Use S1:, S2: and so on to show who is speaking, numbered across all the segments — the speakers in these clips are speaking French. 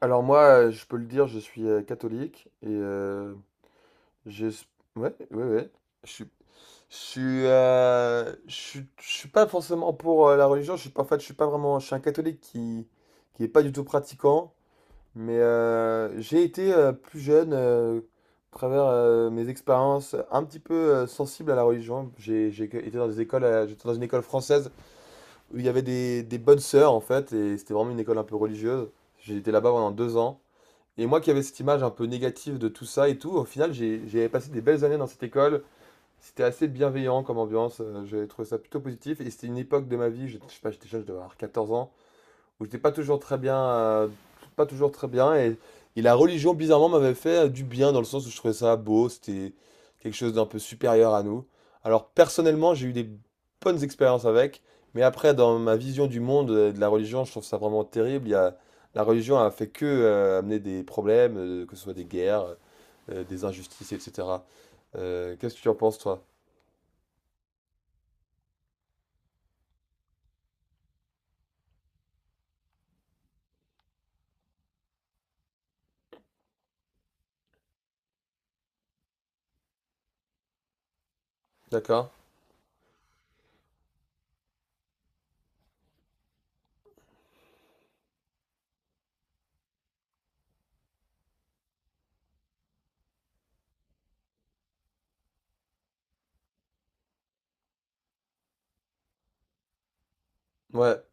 S1: Alors moi, je peux le dire, je suis catholique et j'ai... ouais, ouais, ouais. Je suis, je suis pas forcément pour la religion. Je suis pas, En fait, je suis pas vraiment. Je suis un catholique qui est pas du tout pratiquant. Mais j'ai été plus jeune, à travers mes expériences, un petit peu sensible à la religion. J'ai été dans des écoles, j'étais dans une école française où il y avait des bonnes sœurs en fait, et c'était vraiment une école un peu religieuse. J'ai été là-bas pendant 2 ans. Et moi qui avais cette image un peu négative de tout ça et tout, au final, j'ai passé des belles années dans cette école. C'était assez bienveillant comme ambiance. J'ai trouvé ça plutôt positif. Et c'était une époque de ma vie, je sais pas, j'étais jeune, je devais avoir 14 ans où j'étais pas toujours très bien, pas toujours très bien, et la religion bizarrement m'avait fait du bien dans le sens où je trouvais ça beau, c'était quelque chose d'un peu supérieur à nous. Alors personnellement, j'ai eu des bonnes expériences avec, mais après dans ma vision du monde de la religion, je trouve ça vraiment terrible. La religion a fait que amener des problèmes, que ce soit des guerres, des injustices, etc. Qu'est-ce que tu en penses toi? D'accord? Ouais,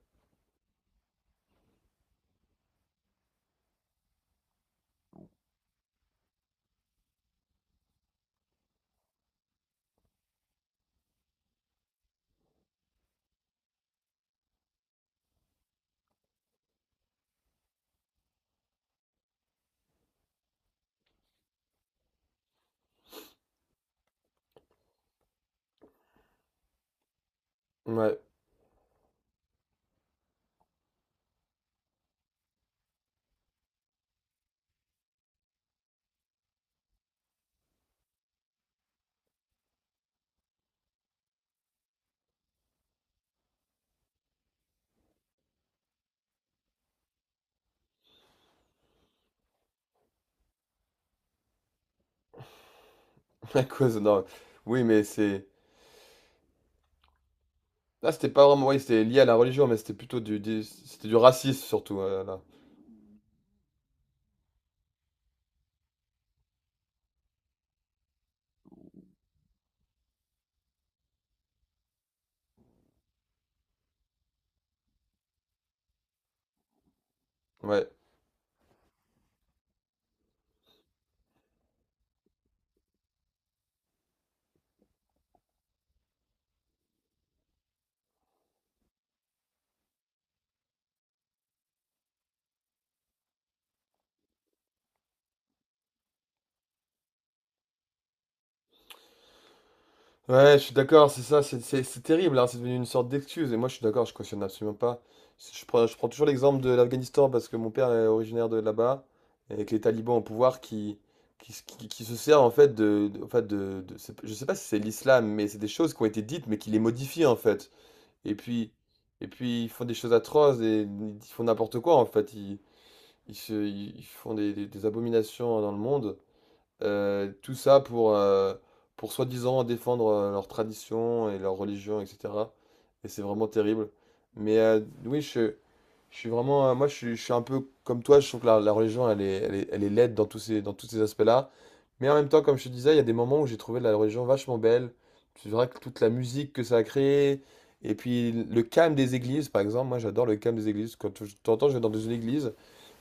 S1: ouais. À cause, non, oui, mais c'est... Là, c'était pas vraiment, oui, c'était lié à la religion, mais c'était plutôt c'était du racisme surtout, là. Ouais. Ouais, je suis d'accord, c'est ça, c'est terrible, hein, c'est devenu une sorte d'excuse, et moi je suis d'accord, je cautionne absolument pas. Je prends toujours l'exemple de l'Afghanistan parce que mon père est originaire de là-bas, et avec les talibans au pouvoir qui se servent en fait de, je sais pas si c'est l'islam, mais c'est des choses qui ont été dites, mais qui les modifient en fait. Et puis, et puis ils font des choses atroces, et ils font n'importe quoi en fait. Ils se, ils ils font des abominations hein, dans le monde. Tout ça pour soi-disant défendre leur tradition et leur religion, etc. Et c'est vraiment terrible. Mais oui, je suis vraiment. Moi, je suis un peu comme toi. Je trouve que la religion, elle est laide dans dans tous ces aspects-là. Mais en même temps, comme je te disais, il y a des moments où j'ai trouvé la religion vachement belle. C'est vrai que toute la musique que ça a créée. Et puis le calme des églises, par exemple, moi j'adore le calme des églises. De temps en temps, je vais dans une église,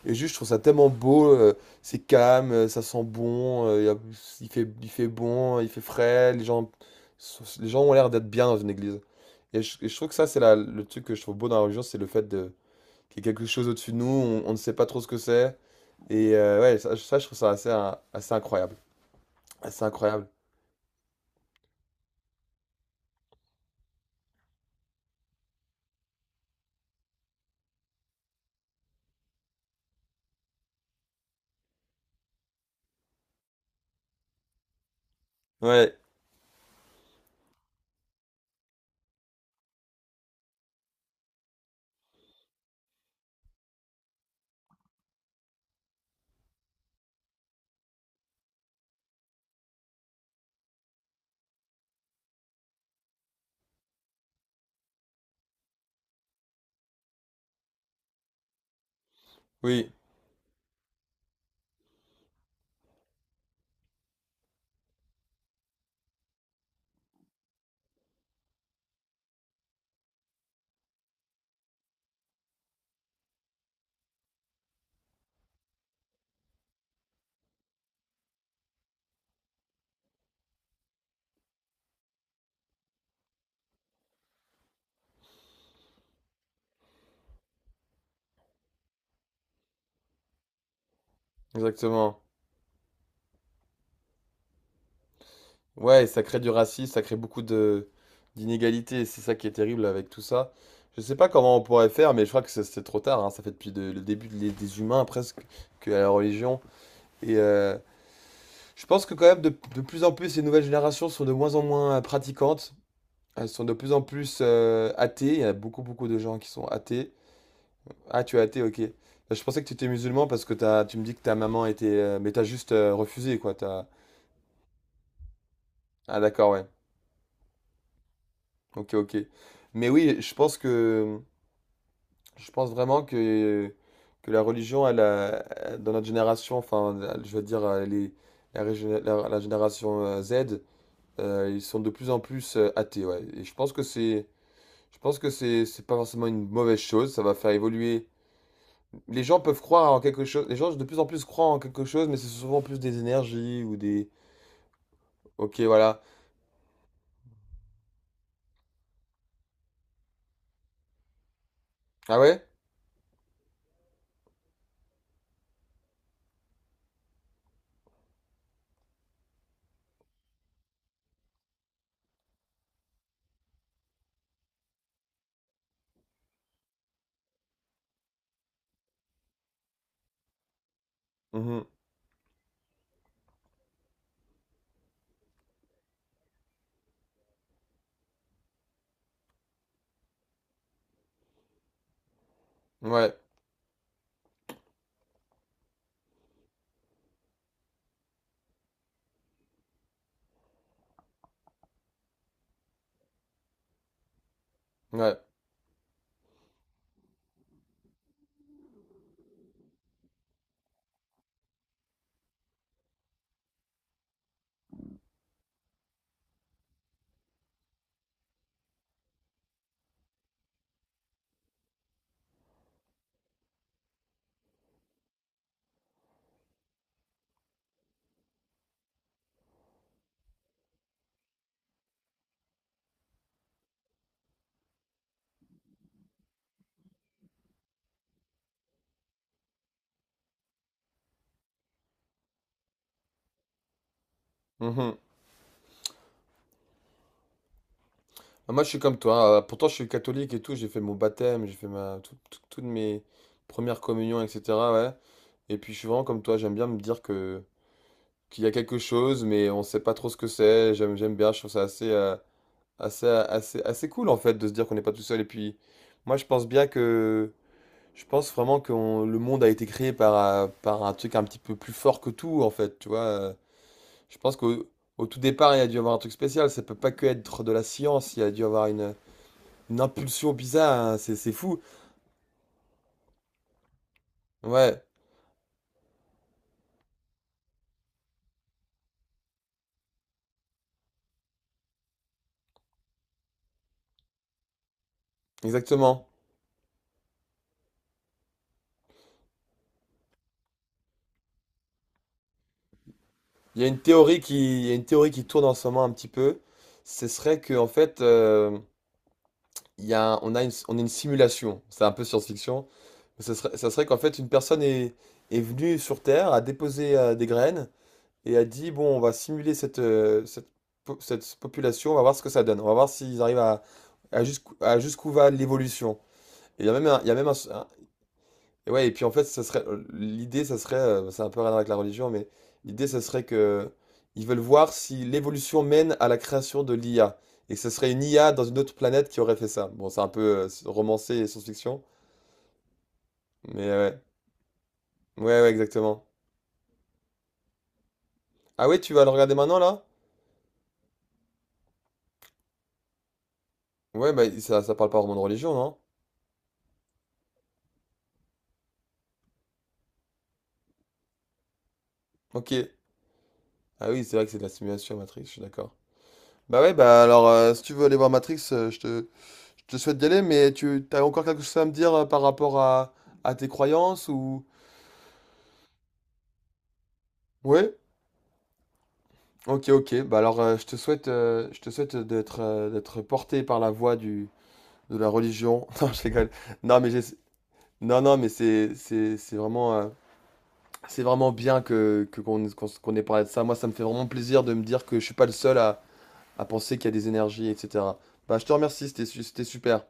S1: et juste, je trouve ça tellement beau, c'est calme, ça sent bon, y a- il fait bon, il fait frais, les gens ont l'air d'être bien dans une église. Et je trouve que ça, c'est le truc que je trouve beau dans la religion, c'est le fait de, qu'il y a quelque chose au-dessus de nous, on ne sait pas trop ce que c'est. Et ouais, ça, je trouve ça assez, hein, assez incroyable. Assez incroyable. Ouais, oui, exactement. Ouais, et ça crée du racisme, ça crée beaucoup de d'inégalités, et c'est ça qui est terrible avec tout ça. Je sais pas comment on pourrait faire, mais je crois que c'est trop tard, hein. Ça fait depuis le début des humains presque que la religion. Et je pense que quand même de plus en plus les nouvelles générations sont de moins en moins pratiquantes, elles sont de plus en plus athées. Il y a beaucoup beaucoup de gens qui sont athées. Ah, tu es athée, ok. Bah, je pensais que tu étais musulman parce que tu me dis que ta maman était, mais t'as juste refusé quoi. Ah d'accord, ouais. Ok, ok. Mais oui, je pense vraiment que la religion, dans notre génération, enfin, je veux dire, les, la, régé- la- la génération Z, ils sont de plus en plus athées, ouais. Et je pense que c'est, je pense que c'est pas forcément une mauvaise chose. Ça va faire évoluer. Les gens peuvent croire en quelque chose. Les gens de plus en plus croient en quelque chose, mais c'est souvent plus des énergies ou des... Ok, voilà. Ah ouais? Mhm. Ouais. Ouais. Mhm. Ah, moi, je suis comme toi. Pourtant, je suis catholique et tout. J'ai fait mon baptême, j'ai fait ma, tout- tout- toutes mes premières communions, etc. Ouais. Et puis, je suis vraiment comme toi. J'aime bien me dire que qu'il y a quelque chose, mais on sait pas trop ce que c'est. J'aime bien. Je trouve ça assez, assez, assez, assez cool en fait de se dire qu'on n'est pas tout seul. Et puis, moi, je pense vraiment que le monde a été créé par un truc un petit peu plus fort que tout en fait. Tu vois. Je pense qu'au au tout départ, il y a dû y avoir un truc spécial. Ça peut pas que être de la science. Il y a dû y avoir une impulsion bizarre, hein, c'est fou. Ouais, exactement. Il y a une théorie qui, il y a une théorie qui tourne en ce moment un petit peu. Ce serait que en fait, il y a, un- on est une simulation. C'est un peu science-fiction. Ça serait qu'en fait, une personne est venue sur Terre, a déposé des graines et a dit, bon, on va simuler cette population, on va voir ce que ça donne. On va voir s'ils arrivent à jusqu'où va l'évolution. Et il y a même un, il y a même un... Et ouais, et puis en fait, ça serait l'idée, ça serait, c'est un peu rien à voir avec la religion, mais l'idée, ça serait que ils veulent voir si l'évolution mène à la création de l'IA, et que ce serait une IA dans une autre planète qui aurait fait ça. Bon, c'est un peu romancé et science-fiction, mais ouais, ouais, ouais, exactement. Ah ouais, tu vas le regarder maintenant là? Ouais, bah ça parle pas vraiment de religion, non? Ok. Ah oui, c'est vrai que c'est de la simulation Matrix, je suis d'accord. Bah ouais, bah alors, si tu veux aller voir Matrix, je te souhaite d'y aller, mais tu as encore quelque chose à me dire par rapport à tes croyances ou... Ouais, ok, ok. Bah alors, je te souhaite d'être porté par la voie de la religion. Non, je rigole. Non, mais j'essa- non, non, mais c'est vraiment bien qu'on ait parlé de ça. Moi, ça me fait vraiment plaisir de me dire que je suis pas le seul à penser qu'il y a des énergies, etc. Bah, je te remercie, c'était super.